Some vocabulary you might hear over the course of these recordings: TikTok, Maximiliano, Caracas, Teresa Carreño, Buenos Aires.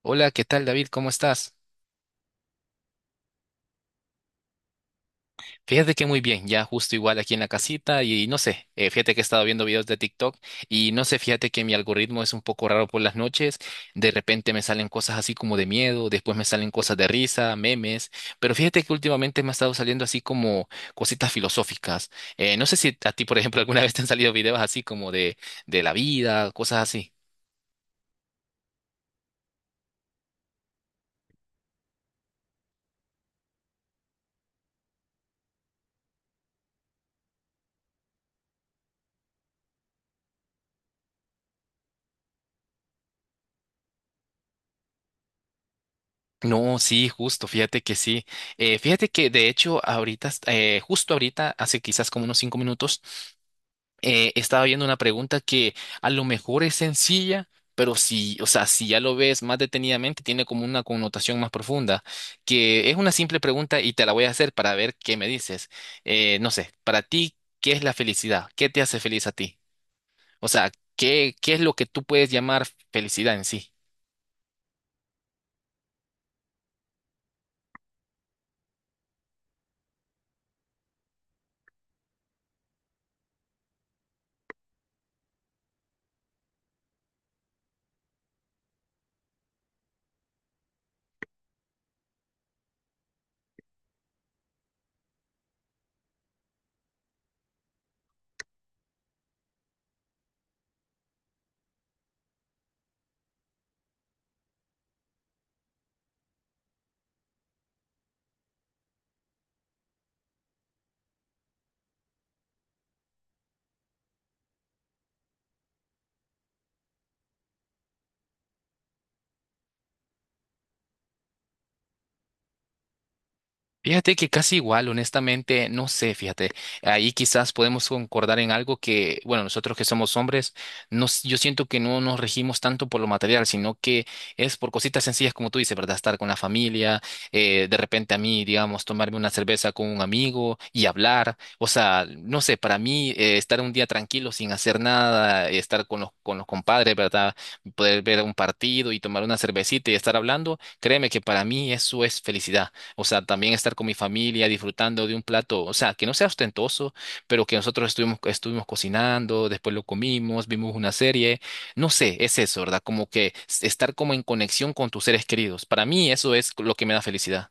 Hola, ¿qué tal, David? ¿Cómo estás? Fíjate que muy bien, ya justo igual aquí en la casita y no sé, fíjate que he estado viendo videos de TikTok y no sé, fíjate que mi algoritmo es un poco raro por las noches, de repente me salen cosas así como de miedo, después me salen cosas de risa, memes, pero fíjate que últimamente me ha estado saliendo así como cositas filosóficas. No sé si a ti, por ejemplo, alguna vez te han salido videos así como de la vida, cosas así. No, sí, justo, fíjate que sí. Fíjate que de hecho ahorita, justo ahorita, hace quizás como unos 5 minutos, estaba viendo una pregunta que a lo mejor es sencilla, pero si, o sea, si ya lo ves más detenidamente, tiene como una connotación más profunda, que es una simple pregunta y te la voy a hacer para ver qué me dices. No sé, para ti, ¿qué es la felicidad? ¿Qué te hace feliz a ti? O sea, ¿ qué es lo que tú puedes llamar felicidad en sí? Fíjate que casi igual, honestamente, no sé, fíjate, ahí quizás podemos concordar en algo que, bueno, nosotros que somos hombres, yo siento que no nos regimos tanto por lo material, sino que es por cositas sencillas, como tú dices, ¿verdad? Estar con la familia, de repente a mí, digamos, tomarme una cerveza con un amigo y hablar, o sea, no sé, para mí, estar un día tranquilo sin hacer nada, estar con con los compadres, ¿verdad? Poder ver un partido y tomar una cervecita y estar hablando, créeme que para mí eso es felicidad, o sea, también estar con mi familia disfrutando de un plato, o sea, que no sea ostentoso, pero que nosotros estuvimos, estuvimos cocinando, después lo comimos, vimos una serie, no sé, es eso, ¿verdad? Como que estar como en conexión con tus seres queridos. Para mí eso es lo que me da felicidad.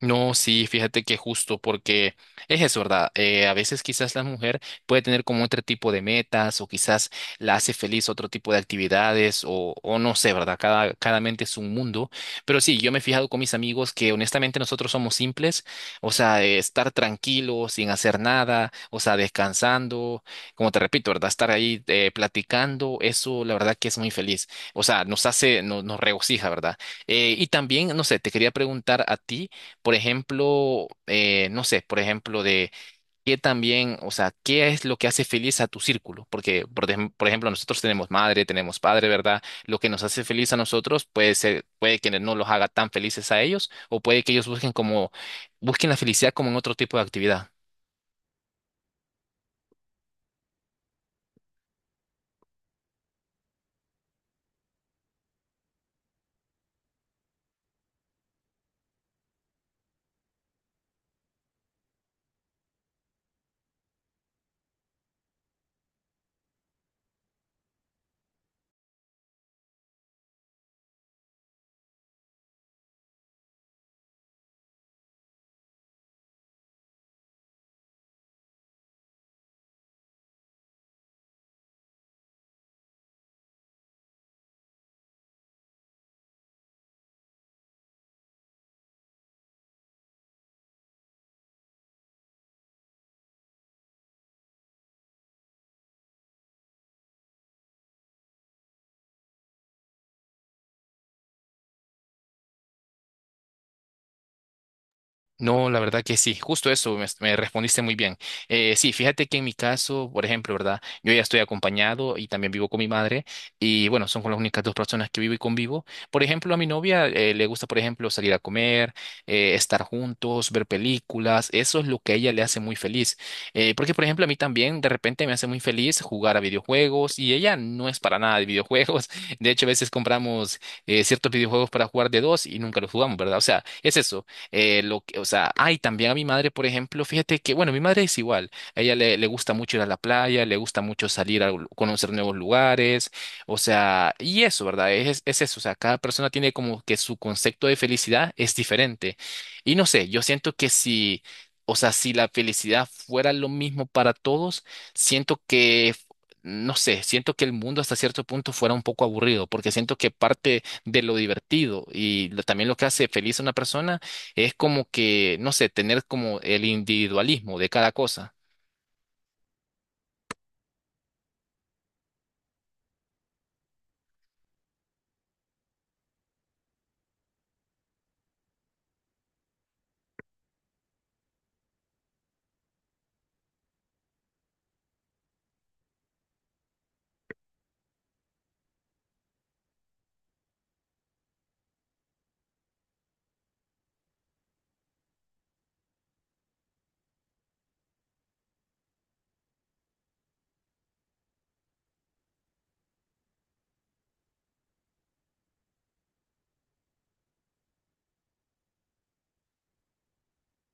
No, sí, fíjate que justo porque es eso, ¿verdad? A veces quizás la mujer puede tener como otro tipo de metas o quizás la hace feliz otro tipo de actividades o no sé, ¿verdad? Cada mente es un mundo. Pero sí, yo me he fijado con mis amigos que honestamente nosotros somos simples, o sea, estar tranquilo, sin hacer nada, o sea, descansando, como te repito, ¿verdad? Estar ahí platicando, eso la verdad que es muy feliz. O sea, nos hace, nos regocija, ¿verdad? Y también, no sé, te quería preguntar a ti. Por ejemplo, no sé, por ejemplo, de qué también, o sea, qué es lo que hace feliz a tu círculo, porque, por ejemplo, nosotros tenemos madre, tenemos padre, ¿verdad? Lo que nos hace feliz a nosotros puede ser, puede que no los haga tan felices a ellos, o puede que ellos busquen como, busquen la felicidad como en otro tipo de actividad. No, la verdad que sí, justo eso, me respondiste muy bien. Sí, fíjate que en mi caso, por ejemplo, ¿verdad? Yo ya estoy acompañado y también vivo con mi madre y bueno, son con las únicas dos personas que vivo y convivo. Por ejemplo, a mi novia le gusta, por ejemplo, salir a comer, estar juntos, ver películas, eso es lo que a ella le hace muy feliz. Porque, por ejemplo, a mí también de repente me hace muy feliz jugar a videojuegos y ella no es para nada de videojuegos. De hecho, a veces compramos ciertos videojuegos para jugar de dos y nunca los jugamos, ¿verdad? O sea, es eso lo que, o sea, ay, también a mi madre, por ejemplo, fíjate que, bueno, mi madre es igual. A ella le gusta mucho ir a la playa, le gusta mucho salir a conocer nuevos lugares, o sea, y eso, ¿verdad? Es eso, o sea, cada persona tiene como que su concepto de felicidad es diferente. Y no sé, yo siento que si, o sea, si la felicidad fuera lo mismo para todos, siento que… No sé, siento que el mundo hasta cierto punto fuera un poco aburrido, porque siento que parte de lo divertido y también lo que hace feliz a una persona es como que, no sé, tener como el individualismo de cada cosa.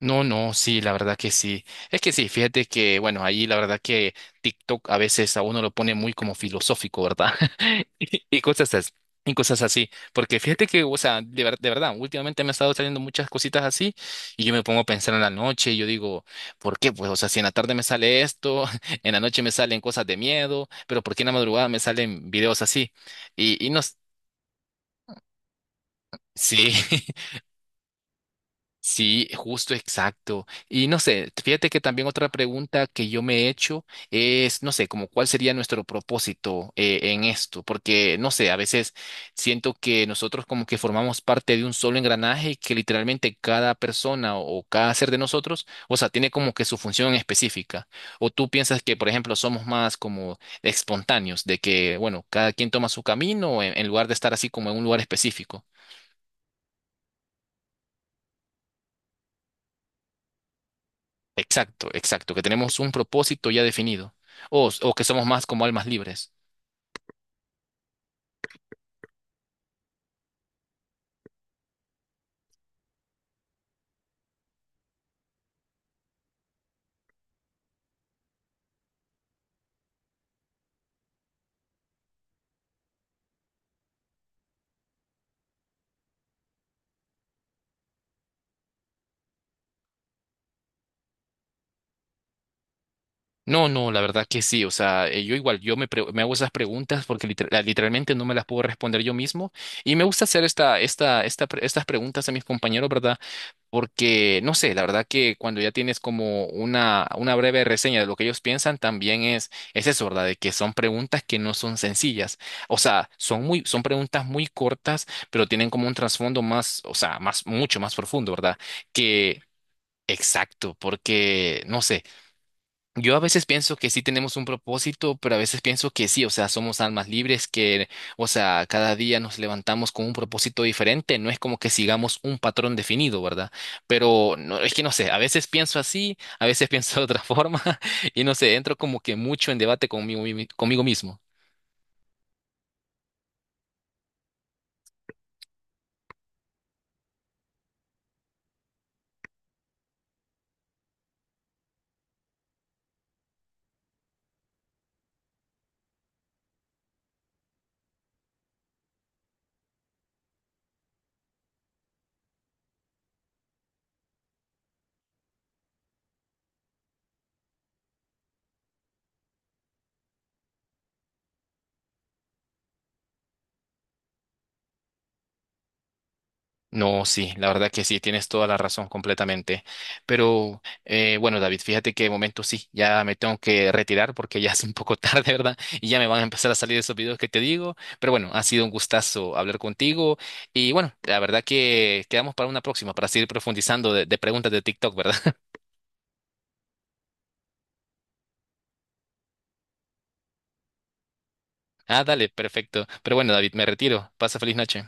No, sí, la verdad que sí. Es que sí, fíjate que, bueno, ahí la verdad que TikTok a veces a uno lo pone muy como filosófico, ¿verdad? Y cosas así. Y cosas así, porque fíjate que, o sea, de verdad, últimamente me han estado saliendo muchas cositas así y yo me pongo a pensar en la noche y yo digo, ¿por qué? Pues, o sea, si en la tarde me sale esto, en la noche me salen cosas de miedo, pero ¿por qué en la madrugada me salen videos así? Y no, s- sí. Sí, justo, exacto. Y no sé, fíjate que también otra pregunta que yo me he hecho es, no sé, como cuál sería nuestro propósito en esto, porque no sé, a veces siento que nosotros como que formamos parte de un solo engranaje y que literalmente cada persona o cada ser de nosotros, o sea, tiene como que su función específica. O tú piensas que, por ejemplo, somos más como espontáneos, de que, bueno, cada quien toma su camino en lugar de estar así como en un lugar específico. Exacto, exacto, que tenemos un propósito ya definido o que somos más como almas libres. No, no, la verdad que sí, o sea, yo igual, me hago esas preguntas porque literalmente no me las puedo responder yo mismo y me gusta hacer estas preguntas a mis compañeros, ¿verdad? Porque, no sé, la verdad que cuando ya tienes como una breve reseña de lo que ellos piensan, también es eso, ¿verdad? De que son preguntas que no son sencillas. O sea, son muy, son preguntas muy cortas, pero tienen como un trasfondo más, o sea, más, mucho más profundo, ¿verdad? Que, exacto, porque, no sé. Yo a veces pienso que sí tenemos un propósito, pero a veces pienso que sí, o sea, somos almas libres que, o sea, cada día nos levantamos con un propósito diferente, no es como que sigamos un patrón definido, ¿verdad? Pero no, es que no sé, a veces pienso así, a veces pienso de otra forma y no sé, entro como que mucho en debate conmigo, conmigo mismo. No, sí, la verdad que sí, tienes toda la razón completamente. Pero bueno, David, fíjate que de momento sí, ya me tengo que retirar porque ya es un poco tarde, ¿verdad? Y ya me van a empezar a salir esos videos que te digo. Pero bueno, ha sido un gustazo hablar contigo. Y bueno, la verdad que quedamos para una próxima, para seguir profundizando de preguntas de TikTok, ¿verdad? Ah, dale, perfecto. Pero bueno, David, me retiro. Pasa feliz noche.